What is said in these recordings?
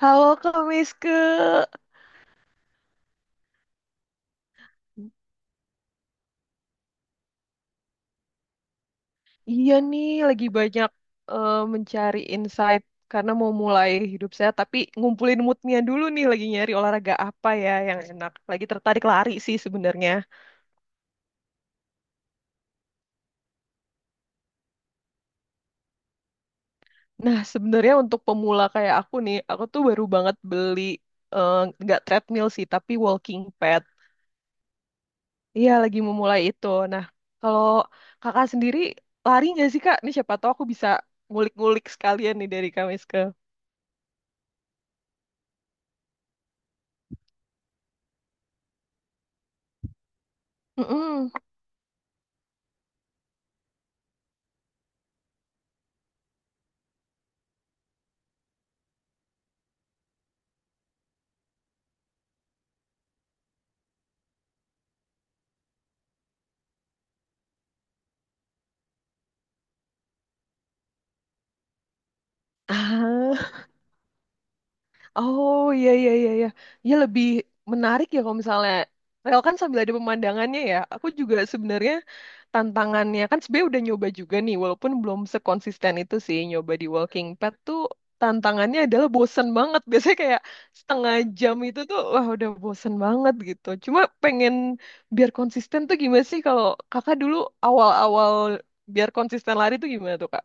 Halo Kak Miske, iya nih lagi banyak mencari insight karena mau mulai hidup saya, tapi ngumpulin moodnya dulu nih lagi nyari olahraga apa ya yang enak. Lagi tertarik lari sih sebenarnya. Nah sebenarnya untuk pemula kayak aku nih, aku tuh baru banget beli eh, nggak treadmill sih, tapi walking pad. Iya lagi memulai itu. Nah kalau kakak sendiri lari nggak sih Kak? Nih siapa tahu aku bisa ngulik-ngulik sekalian nih dari Kak Miske. Mm-mm. Ah. Oh iya iya iya iya. Ya lebih menarik ya kalau misalnya rel kan sambil ada pemandangannya ya. Aku juga sebenarnya tantangannya kan sebenarnya udah nyoba juga nih walaupun belum sekonsisten itu sih nyoba di walking pad tuh tantangannya adalah bosen banget. Biasanya kayak setengah jam itu tuh wah udah bosen banget gitu. Cuma pengen biar konsisten tuh gimana sih kalau Kakak dulu awal-awal biar konsisten lari tuh gimana tuh Kak?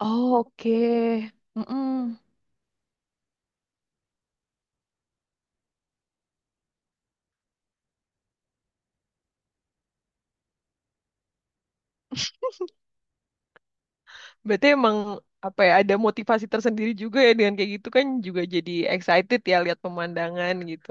Oh, oke. Mm-mm. Berarti emang apa ya ada motivasi tersendiri juga ya dengan kayak gitu kan juga jadi excited ya lihat pemandangan gitu.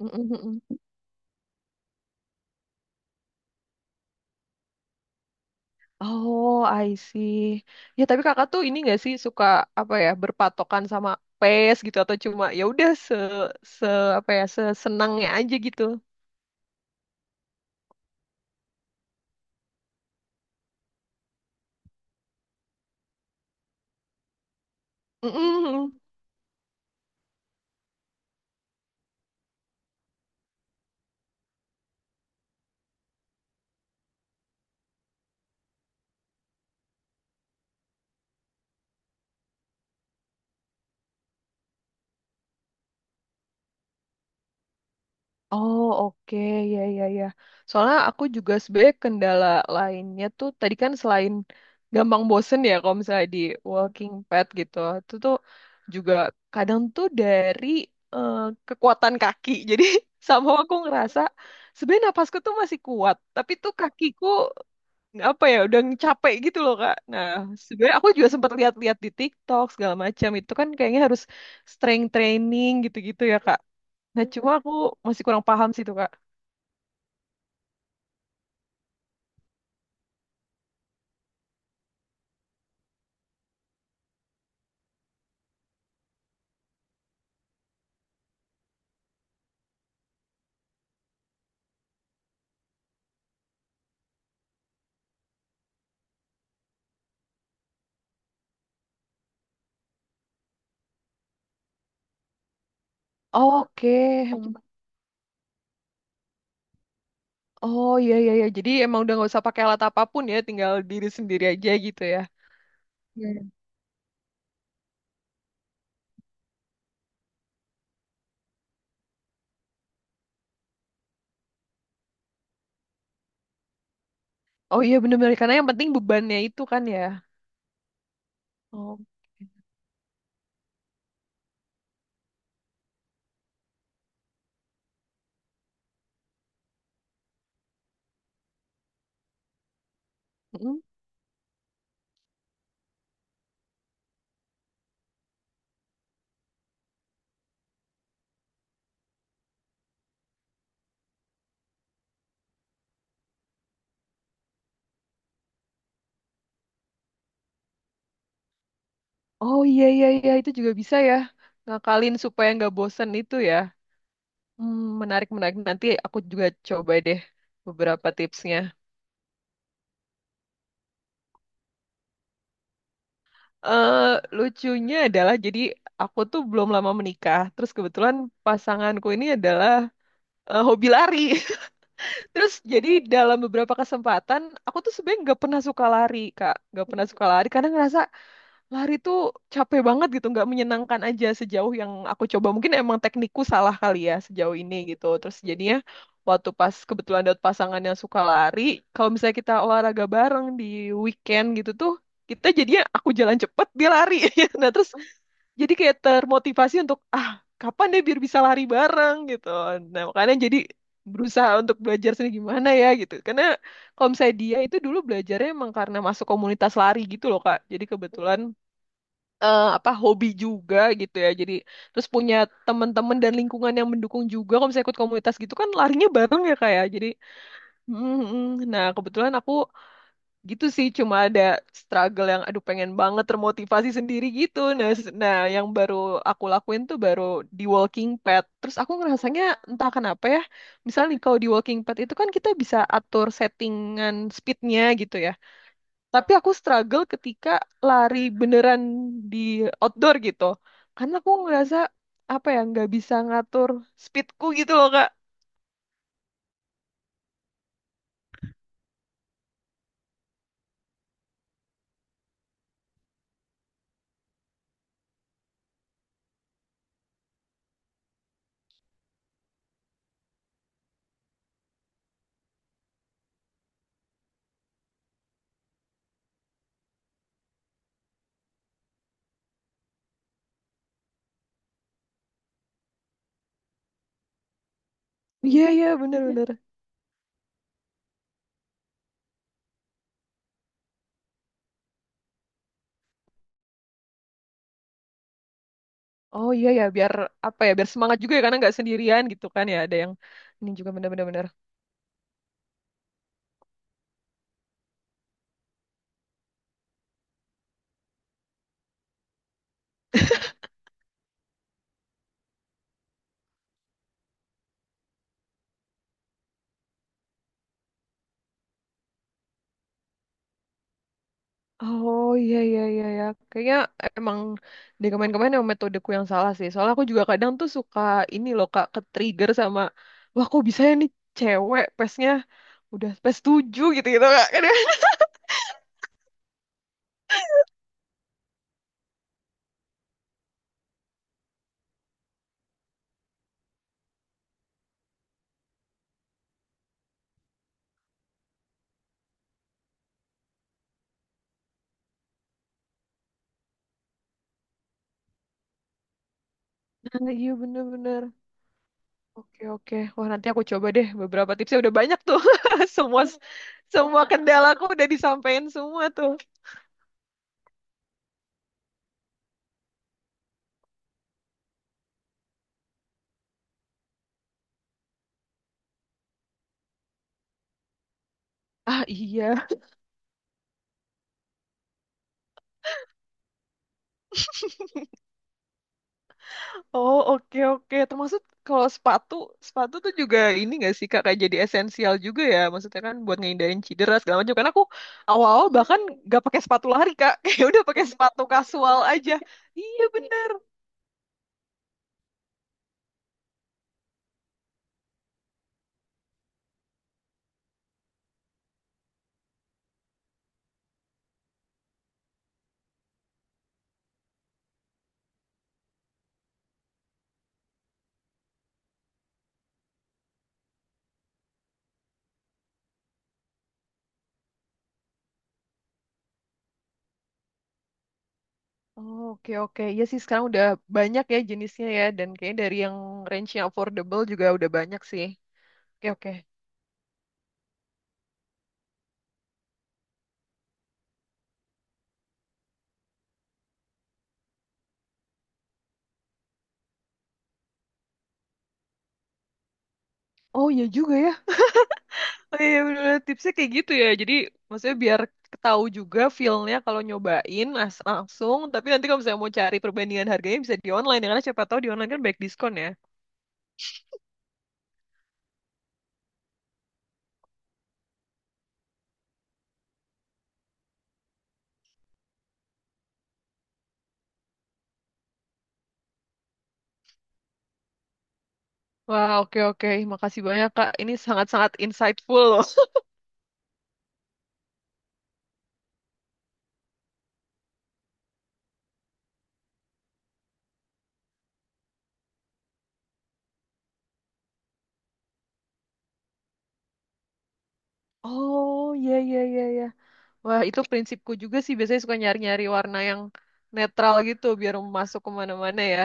Mm-mm-mm. Oh, I see. Ya tapi kakak tuh ini nggak sih suka apa ya berpatokan sama pace gitu atau cuma ya udah se se apa ya sesenangnya aja gitu. Mm-mm. Oh oke ya ya ya. Soalnya aku juga sebenarnya kendala lainnya tuh tadi kan selain gampang bosen ya kalau misalnya di walking pad gitu, itu tuh juga kadang tuh dari eh, kekuatan kaki. Jadi sama aku ngerasa sebenarnya napasku tuh masih kuat, tapi tuh kakiku apa ya udah capek gitu loh Kak. Nah sebenarnya aku juga sempat lihat-lihat di TikTok segala macam itu kan kayaknya harus strength training gitu-gitu ya Kak. Nah, cuma aku masih kurang paham sih tuh, Kak. Oke. Hmm. Oh, iya, iya, iya. Jadi emang udah nggak usah pakai alat apapun ya, tinggal diri sendiri aja gitu ya. Iya. Oh iya, bener-bener. Karena yang penting bebannya itu kan ya. Oh, mm. Oh iya, iya, iya. Itu juga bisa ya. Ngakalin supaya nggak bosen itu ya. Menarik, menarik. Nanti aku juga coba deh beberapa tipsnya. eh Lucunya adalah, jadi aku tuh belum lama menikah. Terus kebetulan pasanganku ini adalah hobi lari. Terus jadi dalam beberapa kesempatan aku tuh sebenarnya nggak pernah suka lari kak, nggak pernah suka lari karena ngerasa lari tuh capek banget gitu, nggak menyenangkan aja sejauh yang aku coba. Mungkin emang teknikku salah kali ya sejauh ini gitu. Terus jadinya waktu pas kebetulan dapet pasangan yang suka lari, kalau misalnya kita olahraga bareng di weekend gitu tuh, kita jadinya aku jalan cepet dia lari. Nah terus jadi kayak termotivasi untuk ah kapan deh biar bisa lari bareng gitu nah makanya jadi berusaha untuk belajar sendiri gimana ya gitu karena kalau misalnya dia itu dulu belajarnya emang karena masuk komunitas lari gitu loh Kak jadi kebetulan apa hobi juga gitu ya jadi terus punya teman-teman dan lingkungan yang mendukung juga kalau misalnya ikut komunitas gitu kan larinya bareng ya Kak ya jadi mm, mm. Nah kebetulan aku gitu sih cuma ada struggle yang aduh pengen banget termotivasi sendiri gitu nah nah yang baru aku lakuin tuh baru di walking pad terus aku ngerasanya entah kenapa ya misalnya nih, kalau di walking pad itu kan kita bisa atur settingan speednya gitu ya tapi aku struggle ketika lari beneran di outdoor gitu karena aku ngerasa apa ya nggak bisa ngatur speedku gitu loh kak iya iya bener-bener. Oh iya ya, biar apa ya, biar semangat juga ya karena nggak sendirian gitu kan ya. Ada yang ini juga benar-benar. Benar. Oh iya iya iya ya. Kayaknya emang di kemarin-kemarin emang metodeku yang salah sih. Soalnya aku juga kadang tuh suka ini loh Kak, ke-trigger sama wah kok bisa ya nih cewek pesnya udah pes 7 gitu gitu Kak. Kan ya? Nah, iya bener-bener. Oke oke. Wah nanti aku coba deh beberapa tipsnya udah banyak tuh. Semua semua kendalaku udah disampaikan semua tuh. Ah iya. Oh oke oke. Termasuk kalau sepatu sepatu tuh juga ini gak sih kak kayak jadi esensial juga ya maksudnya kan buat ngehindarin cedera segala macam karena aku awal-awal bahkan gak pakai sepatu lari kak kayak udah pakai sepatu kasual aja iya bener. Oh, oke oke. Iya sih sekarang udah banyak ya jenisnya ya dan kayaknya dari yang range yang affordable juga udah banyak sih oke oke. Oh iya juga ya. Oh iya bener, tipsnya kayak gitu ya. Jadi maksudnya biar tahu juga feel-nya kalau nyobain langsung. Tapi nanti kalau misalnya mau cari perbandingan harganya bisa di online, ya. Karena siapa tahu di online kan banyak diskon ya. Wah oke oke. Makasih banyak Kak. Ini sangat-sangat insightful loh. Oh iya iya iya iya. Wah itu prinsipku juga sih. Biasanya suka nyari-nyari warna yang netral gitu biar masuk kemana-mana ya.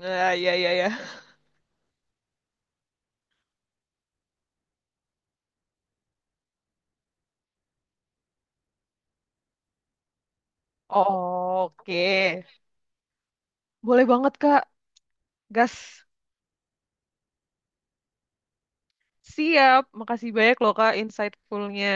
Nah iya iya iya. Oke. Boleh banget Kak. Gas. Siap, makasih banyak loh Kak insightful-nya.